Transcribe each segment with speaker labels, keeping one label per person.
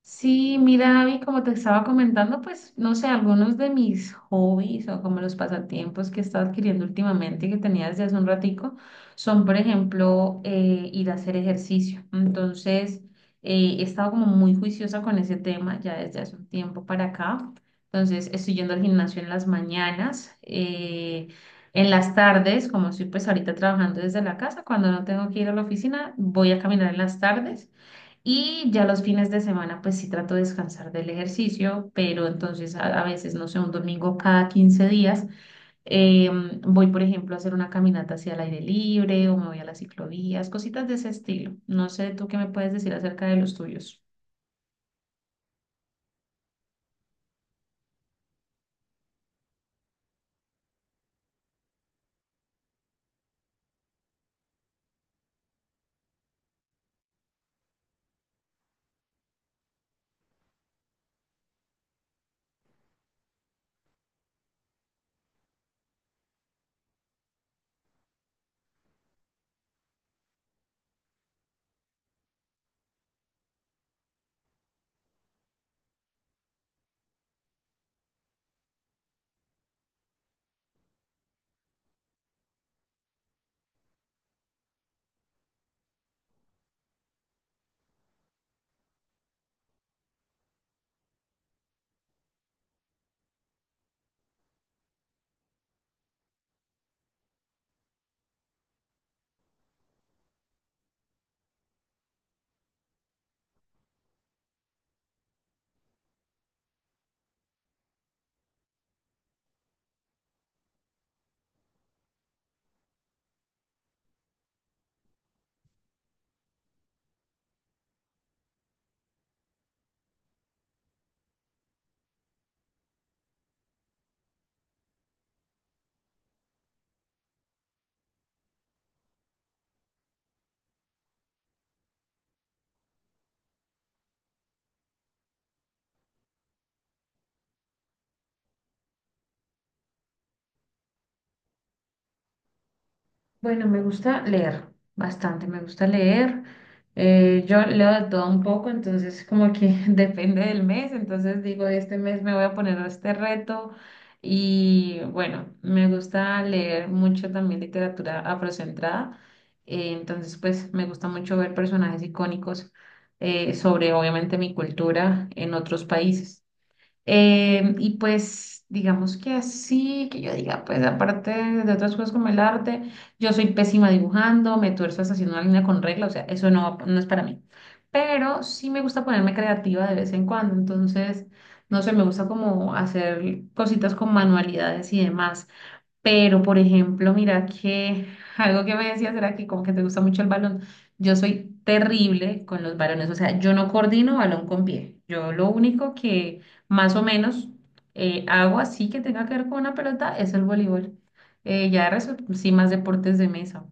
Speaker 1: Sí, mira, Abby, como te estaba comentando, pues no sé, algunos de mis hobbies o como los pasatiempos que he estado adquiriendo últimamente y que tenía desde hace un ratico son, por ejemplo, ir a hacer ejercicio. Entonces, he estado como muy juiciosa con ese tema ya desde hace un tiempo para acá. Entonces, estoy yendo al gimnasio en las mañanas, en las tardes, como estoy pues ahorita trabajando desde la casa, cuando no tengo que ir a la oficina, voy a caminar en las tardes. Y ya los fines de semana, pues sí trato de descansar del ejercicio, pero entonces a veces, no sé, un domingo cada 15 días, voy, por ejemplo, a hacer una caminata hacia el aire libre o me voy a las ciclovías, cositas de ese estilo. No sé, tú qué me puedes decir acerca de los tuyos. Bueno, me gusta leer bastante, me gusta leer. Yo leo de todo un poco, entonces como que depende del mes, entonces digo, este mes me voy a poner a este reto y bueno, me gusta leer mucho también literatura afrocentrada, entonces pues me gusta mucho ver personajes icónicos sobre obviamente mi cultura en otros países. Y pues digamos que así, que yo diga, pues aparte de otras cosas como el arte, yo soy pésima dibujando, me tuerzo hasta haciendo una línea con regla, o sea, eso no, no es para mí. Pero sí me gusta ponerme creativa de vez en cuando, entonces, no sé, me gusta como hacer cositas con manualidades y demás. Pero, por ejemplo, mira que algo que me decías era que como que te gusta mucho el balón. Yo soy terrible con los balones, o sea, yo no coordino balón con pie. Yo lo único que más o menos hago así que tenga que ver con una pelota es el voleibol. Ya de resto, sí, más deportes de mesa.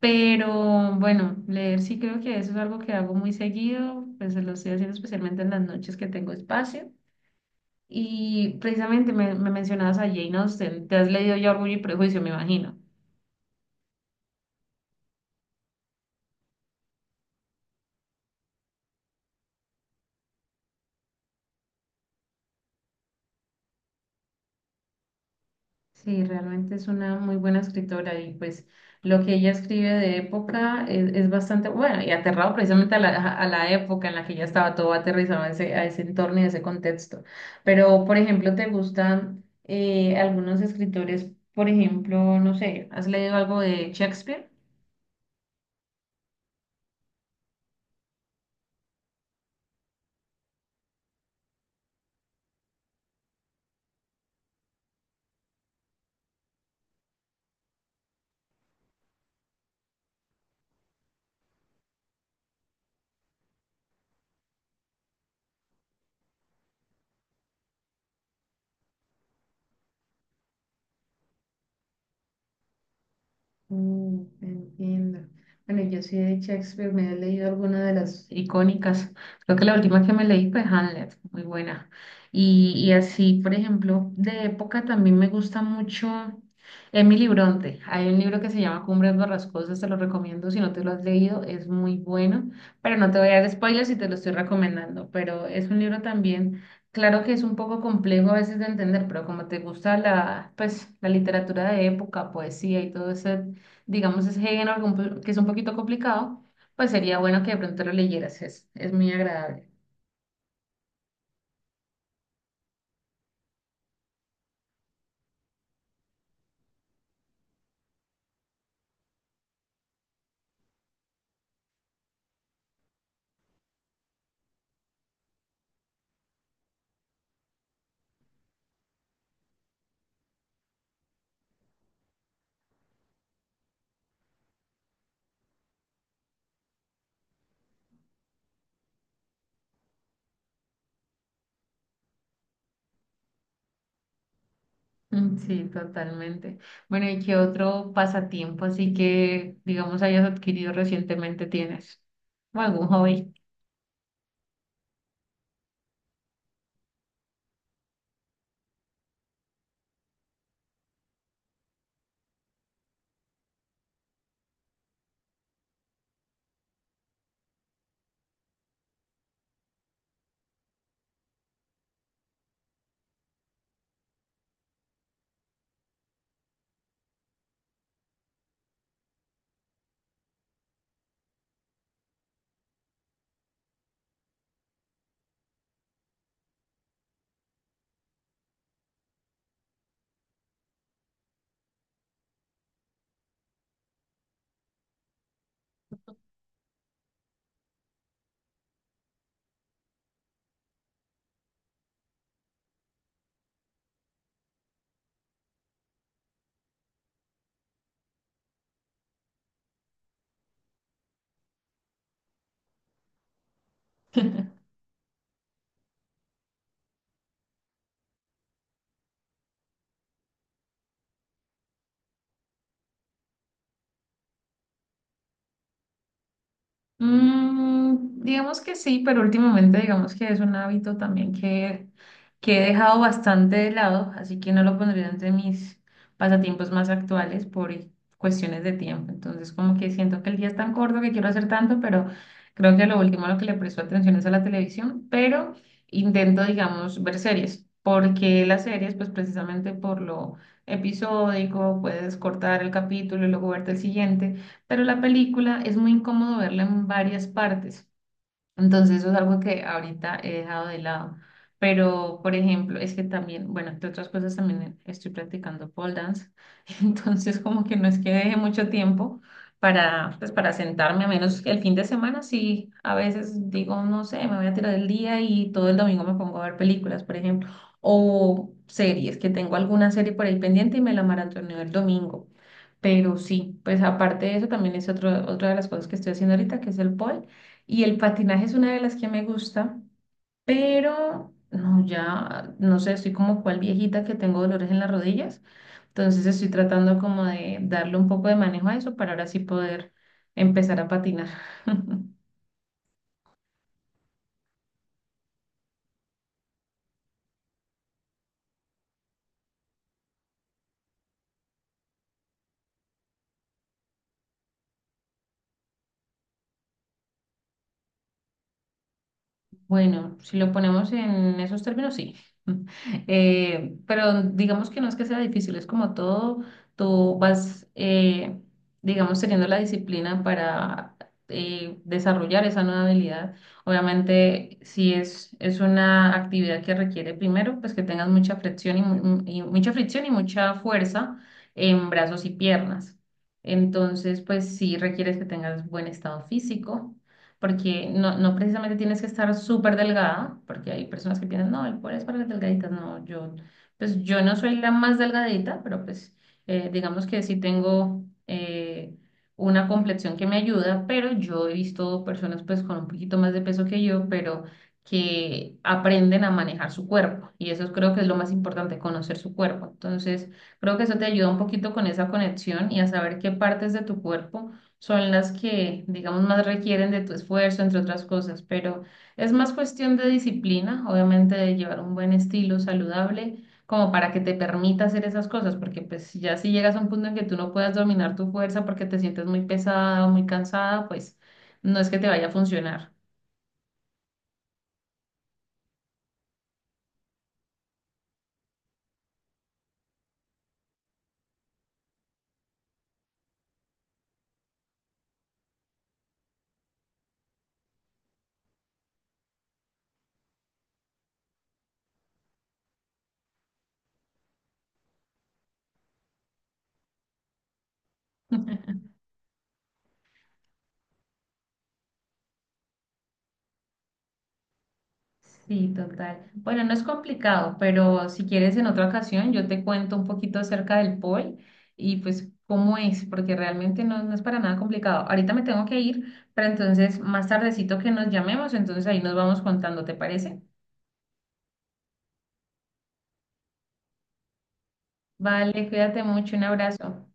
Speaker 1: Pero bueno, leer sí creo que eso es algo que hago muy seguido, pues lo estoy haciendo especialmente en las noches que tengo espacio. Y precisamente me mencionabas a Jane Austen, ¿te has leído ya Orgullo y Prejuicio, me imagino? Sí, realmente es una muy buena escritora y pues lo que ella escribe de época es bastante bueno y aterrado precisamente a a la época en la que ella estaba todo aterrizado a a ese entorno y a ese contexto. Pero, por ejemplo, ¿te gustan algunos escritores? Por ejemplo, no sé, ¿has leído algo de Shakespeare? Mm, entiendo. Bueno, yo sí de Shakespeare me he leído alguna de las icónicas. Creo que la última que me leí fue Hamlet, muy buena. Y así, por ejemplo, de época también me gusta mucho Emily Bronte. Hay un libro que se llama Cumbres Borrascosas, te lo recomiendo si no te lo has leído, es muy bueno, pero no te voy a dar spoilers si te lo estoy recomendando, pero es un libro también, claro que es un poco complejo a veces de entender, pero como te gusta la, pues, la literatura de época, poesía y todo eso digamos, ese género que que es un poquito complicado, pues sería bueno que de pronto lo leyeras, es muy agradable. Mm, sí, totalmente. Bueno, ¿y qué otro pasatiempo así que, digamos, hayas adquirido recientemente tienes? ¿O algún hobby? Mm, digamos que sí, pero últimamente digamos que es un hábito también que he dejado bastante de lado, así que no lo pondría entre mis pasatiempos más actuales por cuestiones de tiempo. Entonces como que siento que el día es tan corto que quiero hacer tanto, pero creo que lo último a lo que le presto atención es a la televisión, pero intento, digamos, ver series, porque las series, pues precisamente por lo episódico, puedes cortar el capítulo y luego verte el siguiente, pero la película es muy incómodo verla en varias partes. Entonces eso es algo que ahorita he dejado de lado. Pero, por ejemplo, es que también, bueno, entre otras cosas también estoy practicando pole dance. Entonces como que no es que deje mucho tiempo para, pues, para sentarme, a menos que el fin de semana sí, a veces digo, no sé, me voy a tirar el día y todo el domingo me pongo a ver películas, por ejemplo, o series, que tengo alguna serie por ahí pendiente y me la maratoneo el domingo. Pero sí, pues aparte de eso también es otra de las cosas que estoy haciendo ahorita, que es el pole. Y el patinaje es una de las que me gusta, pero no, ya, no sé, estoy como cual viejita que tengo dolores en las rodillas. Entonces estoy tratando como de darle un poco de manejo a eso para ahora sí poder empezar a patinar. Bueno, si lo ponemos en esos términos, sí. Pero digamos que no es que sea difícil, es como todo, tú vas, digamos, teniendo la disciplina para desarrollar esa nueva habilidad. Obviamente, si es una actividad que requiere primero, pues que tengas mucha fricción y, y mucha fricción y mucha fuerza en brazos y piernas. Entonces, pues sí requieres que tengas buen estado físico porque no, no precisamente tienes que estar súper delgada, porque hay personas que piensan, no, el cuerpo es para las delgaditas, no, yo, pues yo no soy la más delgadita, pero pues digamos que sí tengo una complexión que me ayuda, pero yo he visto personas pues con un poquito más de peso que yo, pero que aprenden a manejar su cuerpo y eso creo que es lo más importante, conocer su cuerpo. Entonces, creo que eso te ayuda un poquito con esa conexión y a saber qué partes de tu cuerpo son las que, digamos, más requieren de tu esfuerzo, entre otras cosas, pero es más cuestión de disciplina, obviamente de llevar un buen estilo saludable, como para que te permita hacer esas cosas, porque pues si ya si llegas a un punto en que tú no puedas dominar tu fuerza porque te sientes muy pesada o muy cansada, pues no es que te vaya a funcionar. Sí, total. Bueno, no es complicado, pero si quieres en otra ocasión yo te cuento un poquito acerca del pol y pues cómo es, porque realmente no, no es para nada complicado. Ahorita me tengo que ir, pero entonces más tardecito que nos llamemos, entonces ahí nos vamos contando, ¿te parece? Vale, cuídate mucho, un abrazo.